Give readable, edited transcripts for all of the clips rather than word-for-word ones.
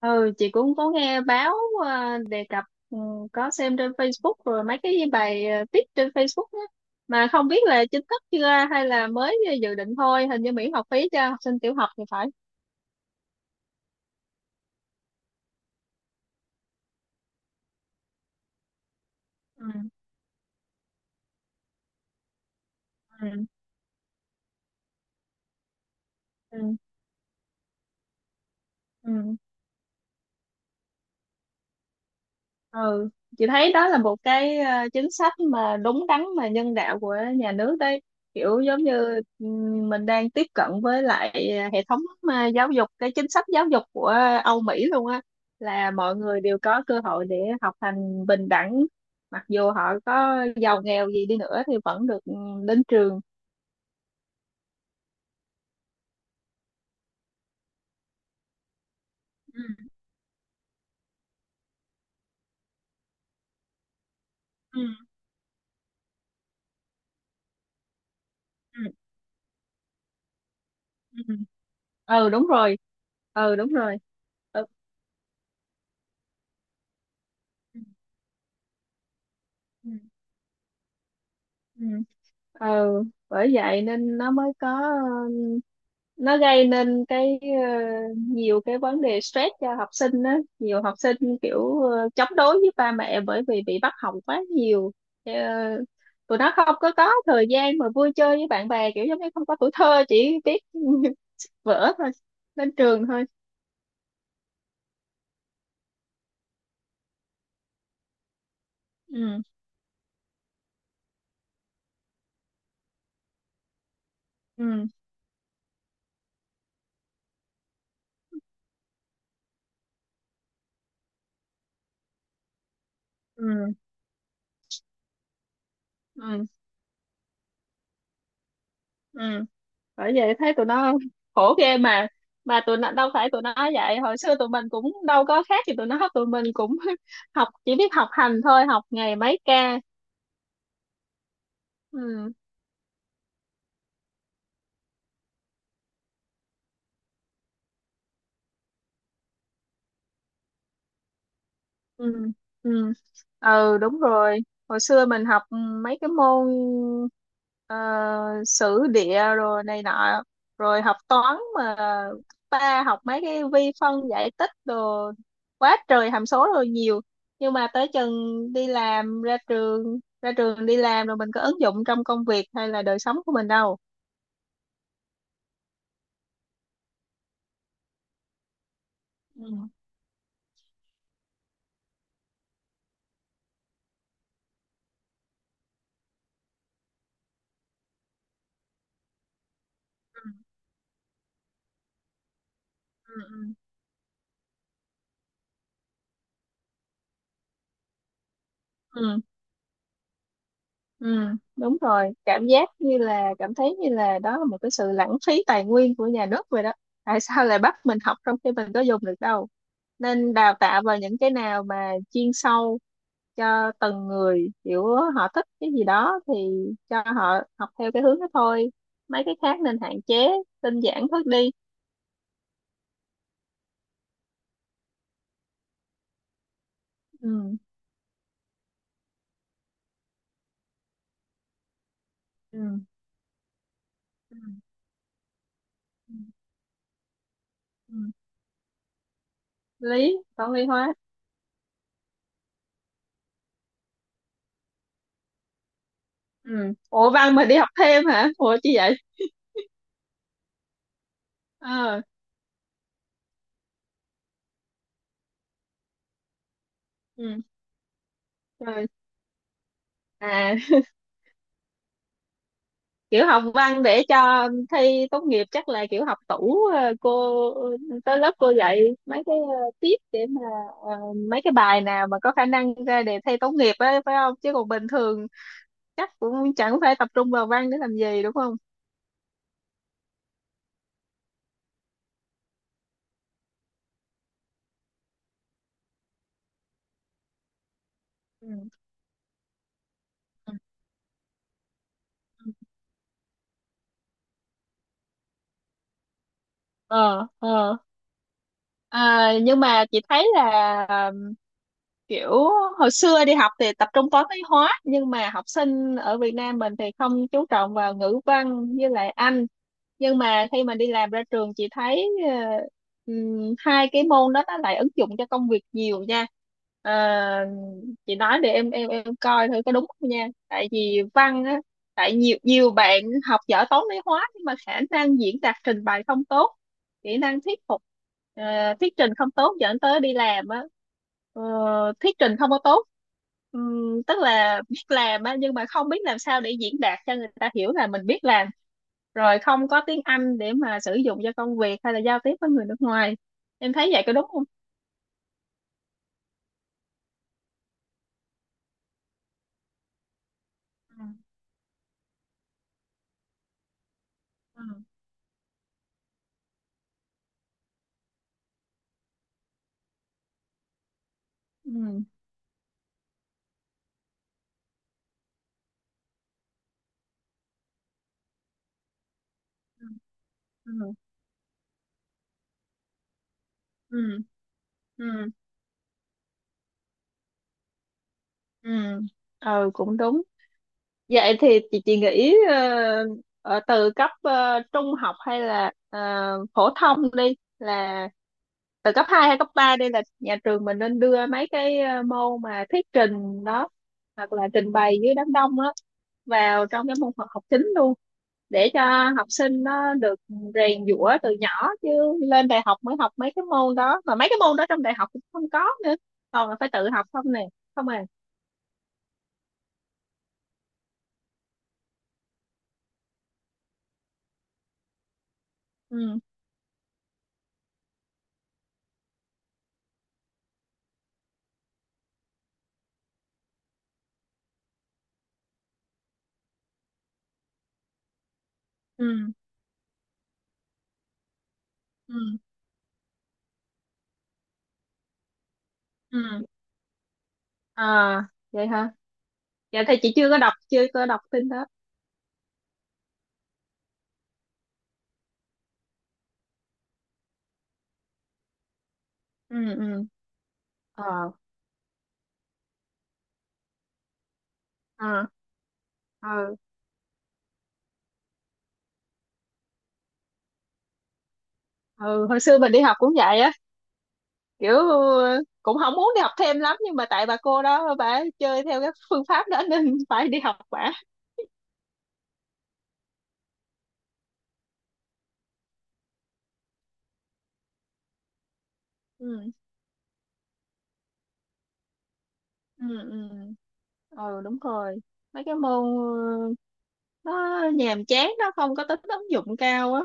Ừ, chị cũng có nghe báo ờ, đề cập. Ừ, có xem trên Facebook rồi mấy cái bài viết trên Facebook á, mà không biết là chính thức chưa hay là mới dự định thôi, hình như miễn học phí cho học sinh tiểu học thì phải. Ừ. Ừ. Ừ. Ừ. Ừ, chị thấy đó là một cái chính sách mà đúng đắn mà nhân đạo của nhà nước đấy. Kiểu giống như mình đang tiếp cận với lại hệ thống giáo dục, cái chính sách giáo dục của Âu Mỹ luôn á, là mọi người đều có cơ hội để học hành bình đẳng, mặc dù họ có giàu nghèo gì đi nữa thì vẫn được đến trường. Ừ. Ừ. Ừ. Ừ. Ừ đúng rồi. Ừ đúng rồi. Ừ. Ừ. Ừ. Ừ, bởi vậy nên nó mới có nó gây nên cái nhiều cái vấn đề stress cho học sinh á, nhiều học sinh kiểu chống đối với ba mẹ, bởi vì bị bắt học quá nhiều. Ờ, Tụi nó không có thời gian mà vui chơi với bạn bè, kiểu giống như không có tuổi thơ, chỉ biết vỡ thôi, lên trường thôi. Ừ. Ừ. Ừ. Ừ. Ừ, bởi vậy thấy tụi nó khổ ghê mà. Mà tụi nó đâu phải tụi nó vậy, hồi xưa tụi mình cũng đâu có khác gì tụi nó, tụi mình cũng học, chỉ biết học hành thôi, học ngày mấy ca. Ừ. Ừ. Ừ. Ừ đúng rồi. Hồi xưa mình học mấy cái môn ờ, sử địa rồi này nọ, rồi học toán mà, cấp ba học mấy cái vi phân giải tích đồ quá trời hàm số rồi nhiều. Nhưng mà tới chừng đi làm ra trường đi làm rồi, mình có ứng dụng trong công việc hay là đời sống của mình đâu. Ừ. Ừ. Ừ. Ừ. Ừ, đúng rồi, cảm giác như là đó là một cái sự lãng phí tài nguyên của nhà nước vậy đó. Tại sao lại bắt mình học trong khi mình có dùng được đâu? Nên đào tạo vào những cái nào mà chuyên sâu cho từng người, kiểu họ thích cái gì đó thì cho họ học theo cái hướng đó thôi. Mấy cái khác nên hạn chế, tinh giản bớt đi. Ừ. Ừ. Ừ. Ừ, ừ. Lý, toán lý hóa. Ừ. Ủa, văn mà đi học thêm hả? Ủa, chi vậy? Ờ. Ừ. Rồi. À, kiểu học văn để cho thi tốt nghiệp chắc là kiểu học tủ, cô tới lớp cô dạy mấy cái tips để mà ờ, mấy cái bài nào mà có khả năng ra đề thi tốt nghiệp á, phải không? Chứ còn bình thường chắc cũng chẳng phải tập trung vào văn để làm gì, đúng không? Ừ. Ừ. ờ ờ À, nhưng mà chị thấy là, kiểu hồi xưa đi học thì tập trung toán lý hóa, nhưng mà học sinh ở Việt Nam mình thì không chú trọng vào ngữ văn với lại Anh. Nhưng mà khi mà đi làm ra trường, chị thấy hai cái môn đó nó lại ứng dụng cho công việc nhiều nha. Ờ, chị nói để em coi thử có đúng không nha, tại vì văn á, tại nhiều nhiều bạn học giỏi toán lý hóa nhưng mà khả năng diễn đạt trình bày không tốt, kỹ năng thuyết phục, ờ, thuyết trình không tốt, dẫn tới đi làm á, Ờ, thuyết trình không có tốt. Tức là biết làm á nhưng mà không biết làm sao để diễn đạt cho người ta hiểu là mình biết làm, rồi không có tiếng Anh để mà sử dụng cho công việc hay là giao tiếp với người nước ngoài. Em thấy vậy có đúng không? Ừ. Ừ. Ừ. Ừ. Ừ. Ừ. Ừ. Ừ. Ừ, cũng đúng. Vậy thì chị nghĩ ở từ cấp trung học hay là phổ thông đi, là từ cấp 2 hay cấp 3 đi, là nhà trường mình nên đưa mấy cái môn mà thuyết trình đó hoặc là trình bày dưới đám đông á vào trong cái môn học học chính luôn, để cho học sinh nó được rèn giũa từ nhỏ. Chứ lên đại học mới học mấy cái môn đó, mà mấy cái môn đó trong đại học cũng không có nữa, còn là phải tự học không nè, không à. Ừ. Ừ. Ừ. Ừ. À, vậy hả? Dạ thì chị chưa có đọc, tin hết. Ừ. Ừ. ờ ờ ờ ừ. Hồi xưa mình đi học cũng vậy á, kiểu cũng không muốn đi học thêm lắm, nhưng mà tại bà cô đó bà chơi theo cái phương pháp đó nên phải đi học bả. Ừ. Ừ. Ừ. Ừ đúng rồi. Mấy cái môn nó nhàm chán, nó không có tính ứng dụng cao á.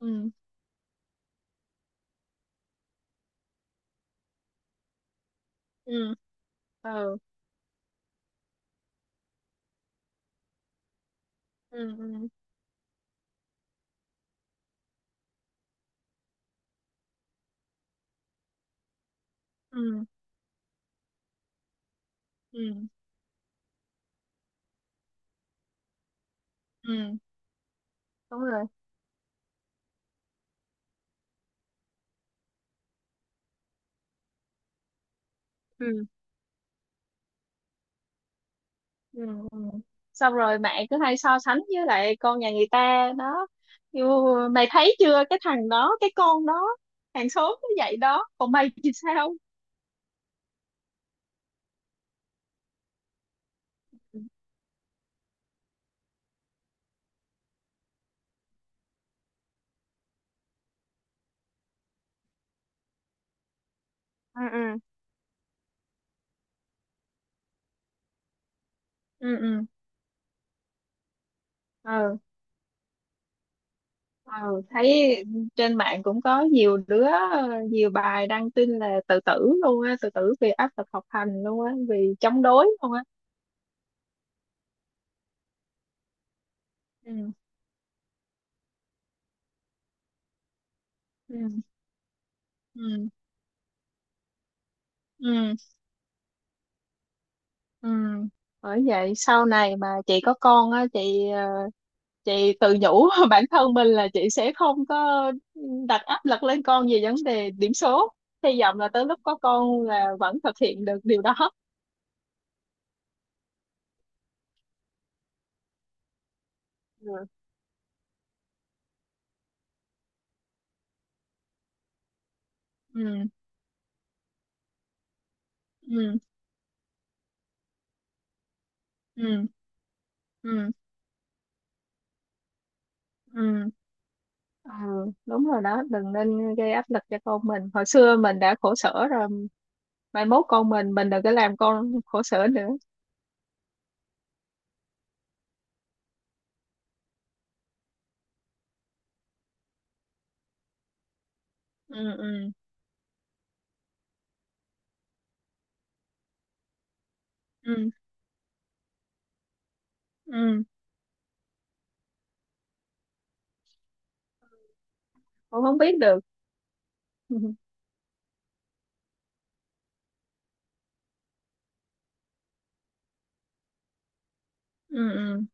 Ừ. Ừ. Ừ. Ừ. Ừ. Ừ. Ừ. Ừ, đúng rồi. Ừ. Ừ. Ừ. Xong rồi mẹ cứ hay so sánh với lại con nhà người ta đó. Như, mày thấy chưa, cái thằng đó, cái con đó, hàng xóm nó vậy đó, còn mày thì sao? Ừ. Ừ. Ừ. Ừ. Ừ. Ừ, thấy trên mạng cũng có nhiều đứa, nhiều bài đăng tin là tự tử luôn á, tự tử vì áp lực học hành luôn á, vì chống đối luôn á. Ừ. Ừ. Ừ. Ừ. Ừ, bởi vậy sau này mà chị có con á, chị tự nhủ bản thân mình là chị sẽ không có đặt áp lực lên con về vấn đề điểm số. Hy vọng là tới lúc có con là vẫn thực hiện được điều đó. Ừ. Ừ. Ừ. Ừ. Ừ. Ừ. Ừ, đúng rồi đó, đừng nên gây áp lực cho con mình, hồi xưa mình đã khổ sở rồi, mai mốt con mình đừng có làm con khổ sở nữa. Ừ. Ừ. Ừ. Ừ. Con không biết được. Ừ. Ừ.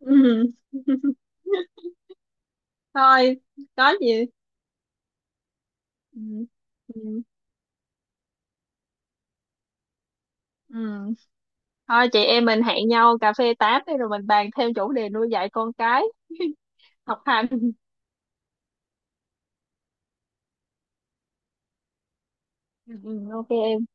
Ừ. Thôi, có gì. Ừ. Ừ. Ừ. Thôi chị em mình hẹn nhau cà phê tám đi, rồi mình bàn thêm chủ đề nuôi dạy con cái học hành. Ừ, OK em.